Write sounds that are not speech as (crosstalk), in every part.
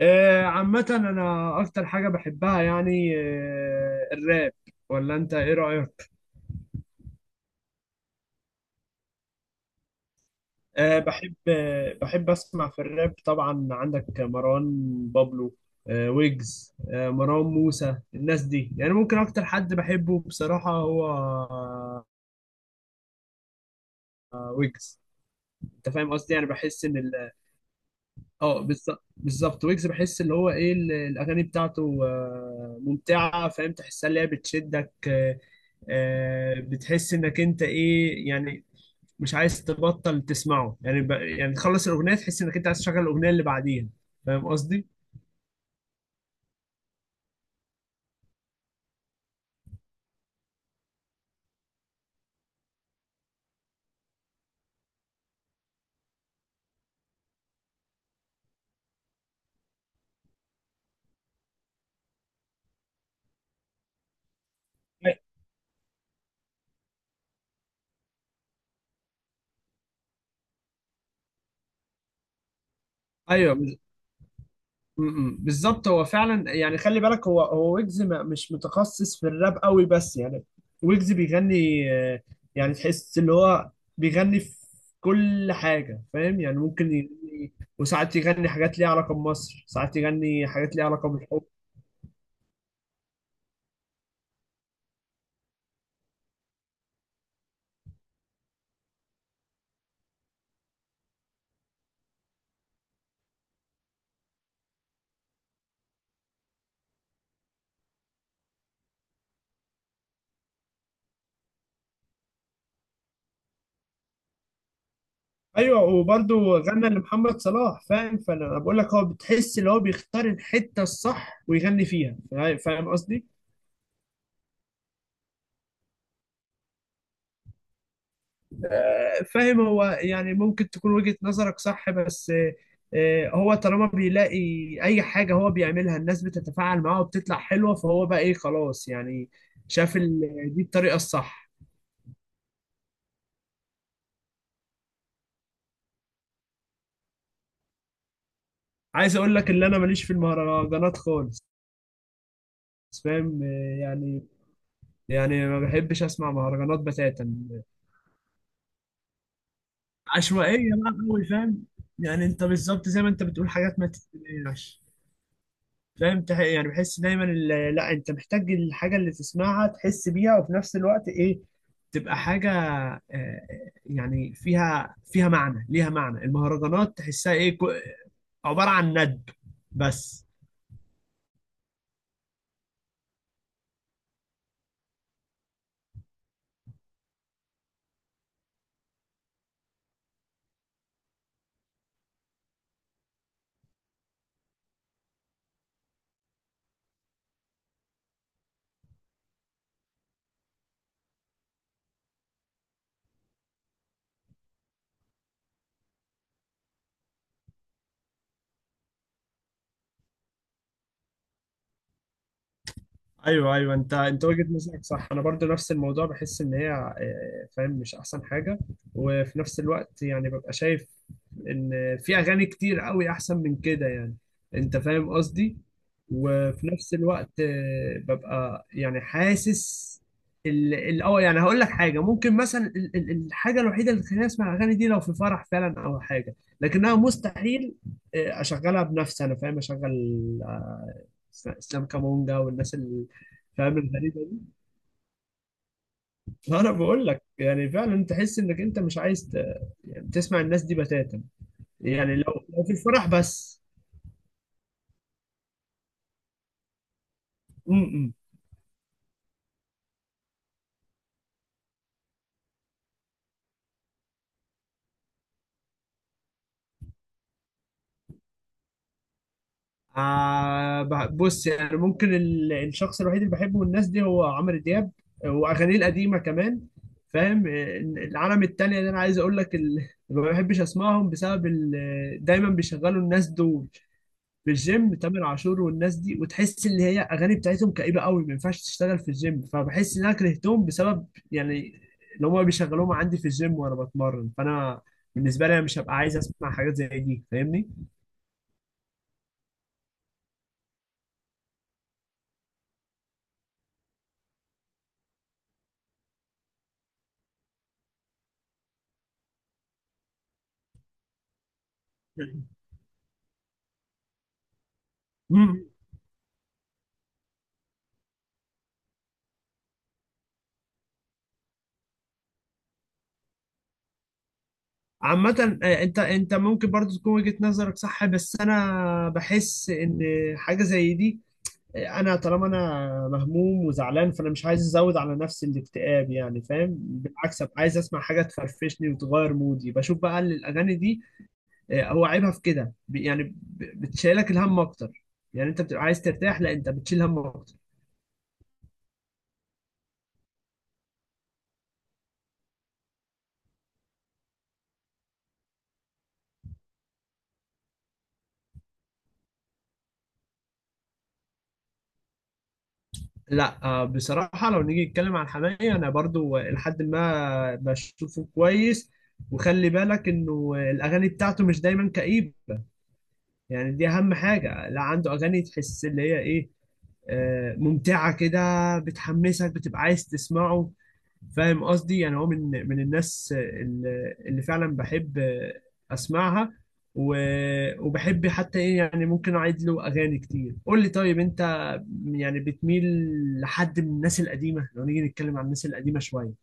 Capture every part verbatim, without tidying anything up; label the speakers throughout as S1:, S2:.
S1: آه، عامة أنا أكتر حاجة بحبها يعني آه، الراب ولا أنت إيه رأيك؟ أه بحب آه، بحب أسمع في الراب. طبعا عندك مروان بابلو، أه ويجز، أه مروان موسى. الناس دي يعني ممكن أكتر حد بحبه بصراحة هو آه، ويجز. أنت فاهم قصدي؟ يعني بحس إن ال- اه بالظبط بالظبط. ويجز بحس اللي هو ايه ال- الاغاني بتاعته آه، ممتعه، فاهم تحسها اللي هي بتشدك. آه، آه، بتحس انك انت ايه يعني، مش عايز تبطل تسمعه. يعني ب... يعني تخلص الاغنيه تحس انك انت عايز تشغل الاغنيه اللي بعديها. فاهم قصدي؟ أي- ايوه. مم. بالظبط. هو فعلا يعني خلي بالك هو هو ويجز ما- مش متخصص في الراب قوي، بس يعني ويجز بيغني. آه، يعني تحس اللي هو بيغني في كل حاجة، فاهم؟ يعني ممكن يغني، وساعات يغني حاجات ليها علاقة بمصر، ساعات يغني حاجات ليها علاقة بالحب. ايوه، وبرضه غنى لمحمد صلاح. فاهم، فانا بقول لك هو بتحس اللي هو بيختار الحتة الصح ويغني فيها. فاهم قصدي؟ آه، فاهم. هو يعني ممكن تكون وجهة نظرك صح، بس آه، هو طالما بيلاقي اي حاجة هو بيعملها الناس بتتفاعل معاه وبتطلع حلوة، فهو بقى ايه، خلاص يعني. شاف ال- دي الطريقة الصح. عايز اقول لك ان انا ماليش في المهرجانات خالص. فاهم آه، يعني، يعني ما بحبش اسمع مهرجانات بتاتا، عشوائية بقى قوي، فاهم؟ يعني انت بالظبط زي ما انت بتقول حاجات ما تتسمعش. فاهم، تح- يعني بحس دايما ال- لا، انت محتاج الحاجه اللي تسمعها تحس بيها، وفي نفس الوقت ايه، تبقى حاجه آه، يعني فيها فيها معنى، ليها معنى. المهرجانات تحسها ايه، كو- عباره عن ند بس. ايوه، ايوه، انت انت وجهة نظرك صح. انا برضو نفس الموضوع، بحس ان هي آه، فاهم مش احسن حاجه، وفي نفس الوقت يعني ببقى شايف ان في اغاني كتير قوي احسن من كده يعني. انت فاهم قصدي؟ وفي نفس الوقت آه، ببقى يعني حاسس ال ال- اه يعني هقول لك حاجه، ممكن مثلا ال- ال- الحاجه الوحيده اللي تخليني اسمع الاغاني دي لو في فرح فعلا او حاجه، لكنها مستحيل آه، اشغلها بنفسي انا. فاهم، اشغل اسلام كامونجا والناس اللي فاهم الغريبه دي. ما انا بقول لك يعني فعلا تحس انك انت مش عايز ت... يعني تسمع الناس دي بتاتا، يعني لو لو في الفرح بس. امم آه ب- بص يعني، ممكن ال... الشخص الوحيد اللي بحبه من الناس دي هو عمرو دياب، واغانيه القديمه كمان. فاهم آه، العالم التانية اللي انا عايز اقول لك ال... (laughs) ما بحبش اسمعهم بسبب ال... دايما بيشغلوا الناس دول في الجيم، تامر عاشور والناس دي، وتحس ان هي اغاني بتاعتهم كئيبه قوي، ما ينفعش تشتغل في الجيم، فبحس ان انا كرهتهم بسبب يعني اللي هم بيشغلوهم عندي في الجيم وانا بتمرن. فانا بالنسبه لي انا مش هبقى عايز اسمع حاجات زي دي، فاهمني؟ مم. عامة آه، انت انت ممكن برضو تكون وجهة نظرك صح، بس انا بحس ان حاجة زي دي، انا طالما انا مهموم وزعلان فانا مش عايز ازود على نفسي الاكتئاب يعني. فاهم، بالعكس أبقى عايز اسمع حاجه تفرفشني وتغير مودي. بشوف بقى ان الاغاني دي آه، هو عيبها في كده، ب- يعني ب- بتشيلك الهم اكتر. يعني انت بتبقى عايز ترتاح، لا انت بتشيل هم اكتر. لا آه، بصراحه لو نيجي نتكلم عن حماقي، انا برضو لحد ما بشوفه كويس. وخلي بالك انه الاغاني بتاعته مش دايما كئيبه، يعني دي اهم حاجه. لا عنده اغاني تحس اللي هي ايه آه، ممتعة كده، بتحمسك، بتبقى عايز تسمعه. فاهم قصدي؟ يعني هو من من الناس اللي اللي فعلا بحب اسمعها، و- وبحب حتى ايه يعني، ممكن اعيد له اغاني كتير. قول لي طيب انت يعني بتميل لحد من الناس القديمه؟ لو نيجي نتكلم عن الناس القديمه شويه.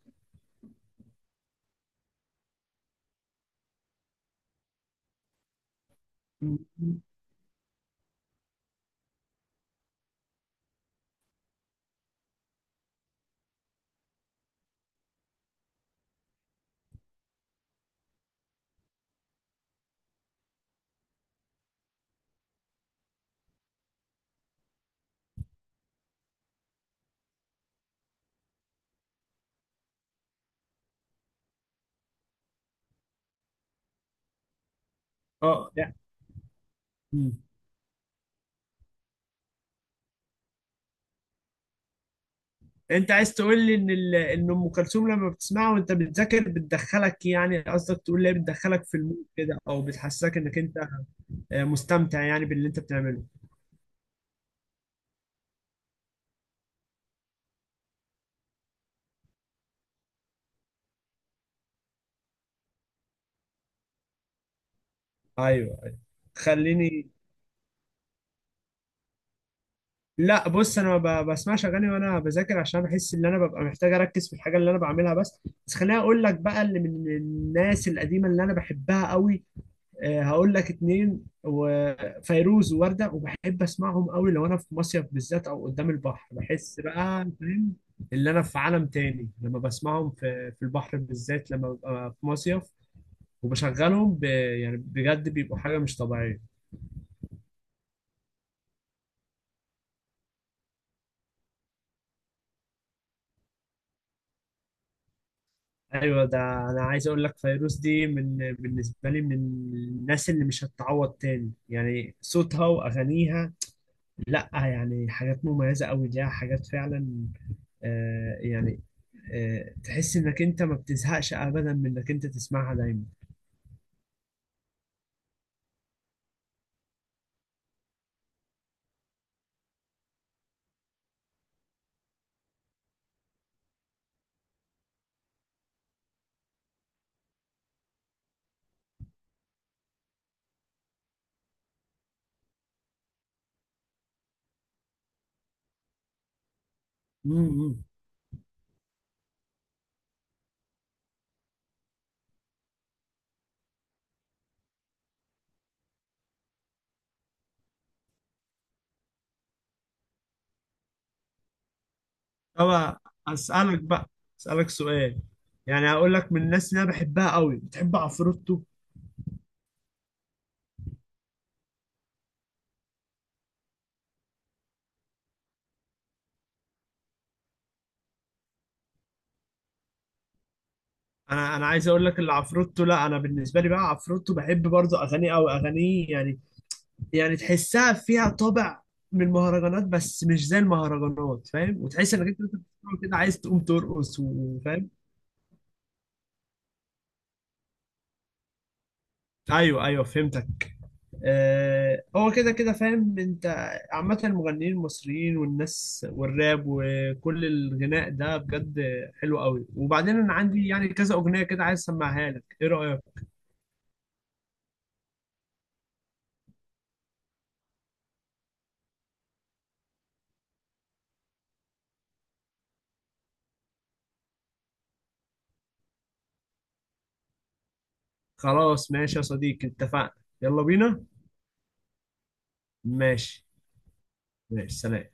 S1: م- م- اه. لا. م. انت عايز تقول لي ان ال- ان ام كلثوم لما بتسمعها وانت بتذاكر بتدخلك، يعني قصدك تقول لي بتدخلك في المود كده، او بتحسسك انك انت آه، مستمتع يعني باللي انت بتعمله. ايوه، ايوه. خليني، لا بص، انا ما ب- بسمعش اغاني وانا بذاكر، عشان بحس ان انا ببقى محتاج اركز في الحاجه اللي انا بعملها. بس بس خليني اقول لك بقى اللي من الناس القديمه اللي انا بحبها قوي. آه، هقول لك اتنين، وفيروز ووردة، وبحب اسمعهم قوي لو انا في مصيف بالذات او قدام البحر. بحس بقى فاهم اللي انا في عالم تاني لما بسمعهم في في البحر بالذات، لما ببقى في مصيف وبشغلهم، ب... يعني بجد بيبقوا حاجه مش طبيعيه. ايوه ده. انا عايز اقول لك فيروز دي من بالنسبه لي من الناس اللي مش هتتعوض تاني، يعني صوتها واغانيها لا، يعني حاجات مميزه قوي، ليها حاجات فعلا آه يعني آه تحس انك انت ما بتزهقش ابدا من انك انت تسمعها دايما. امم طب اسالك بقى اسالك سؤال. يعني هقول لك من الناس اللي انا بحبها قوي، بتحب عفروتو؟ انا انا عايز اقول لك اللي عفروتو، لا انا بالنسبه لي بقى عفروتو بحب برضه اغانيه قوي، اغانيه يعني، يعني تحسها فيها طابع من المهرجانات بس مش زي المهرجانات. فاهم، وتحس انك انت بتسمعه كده عايز تقوم ترقص وفاهم. ايوه، ايوه، فهمتك. آه، هو كده كده فاهم انت. عامة المغنيين المصريين والناس والراب وكل الغناء ده بجد حلو قوي، وبعدين انا عندي يعني كذا اغنية كده عايز اسمعها لك، ايه رأيك؟ خلاص، ماشي يا صديقي، اتفقنا. يلا بينا. ماشي. ماشي، سلام.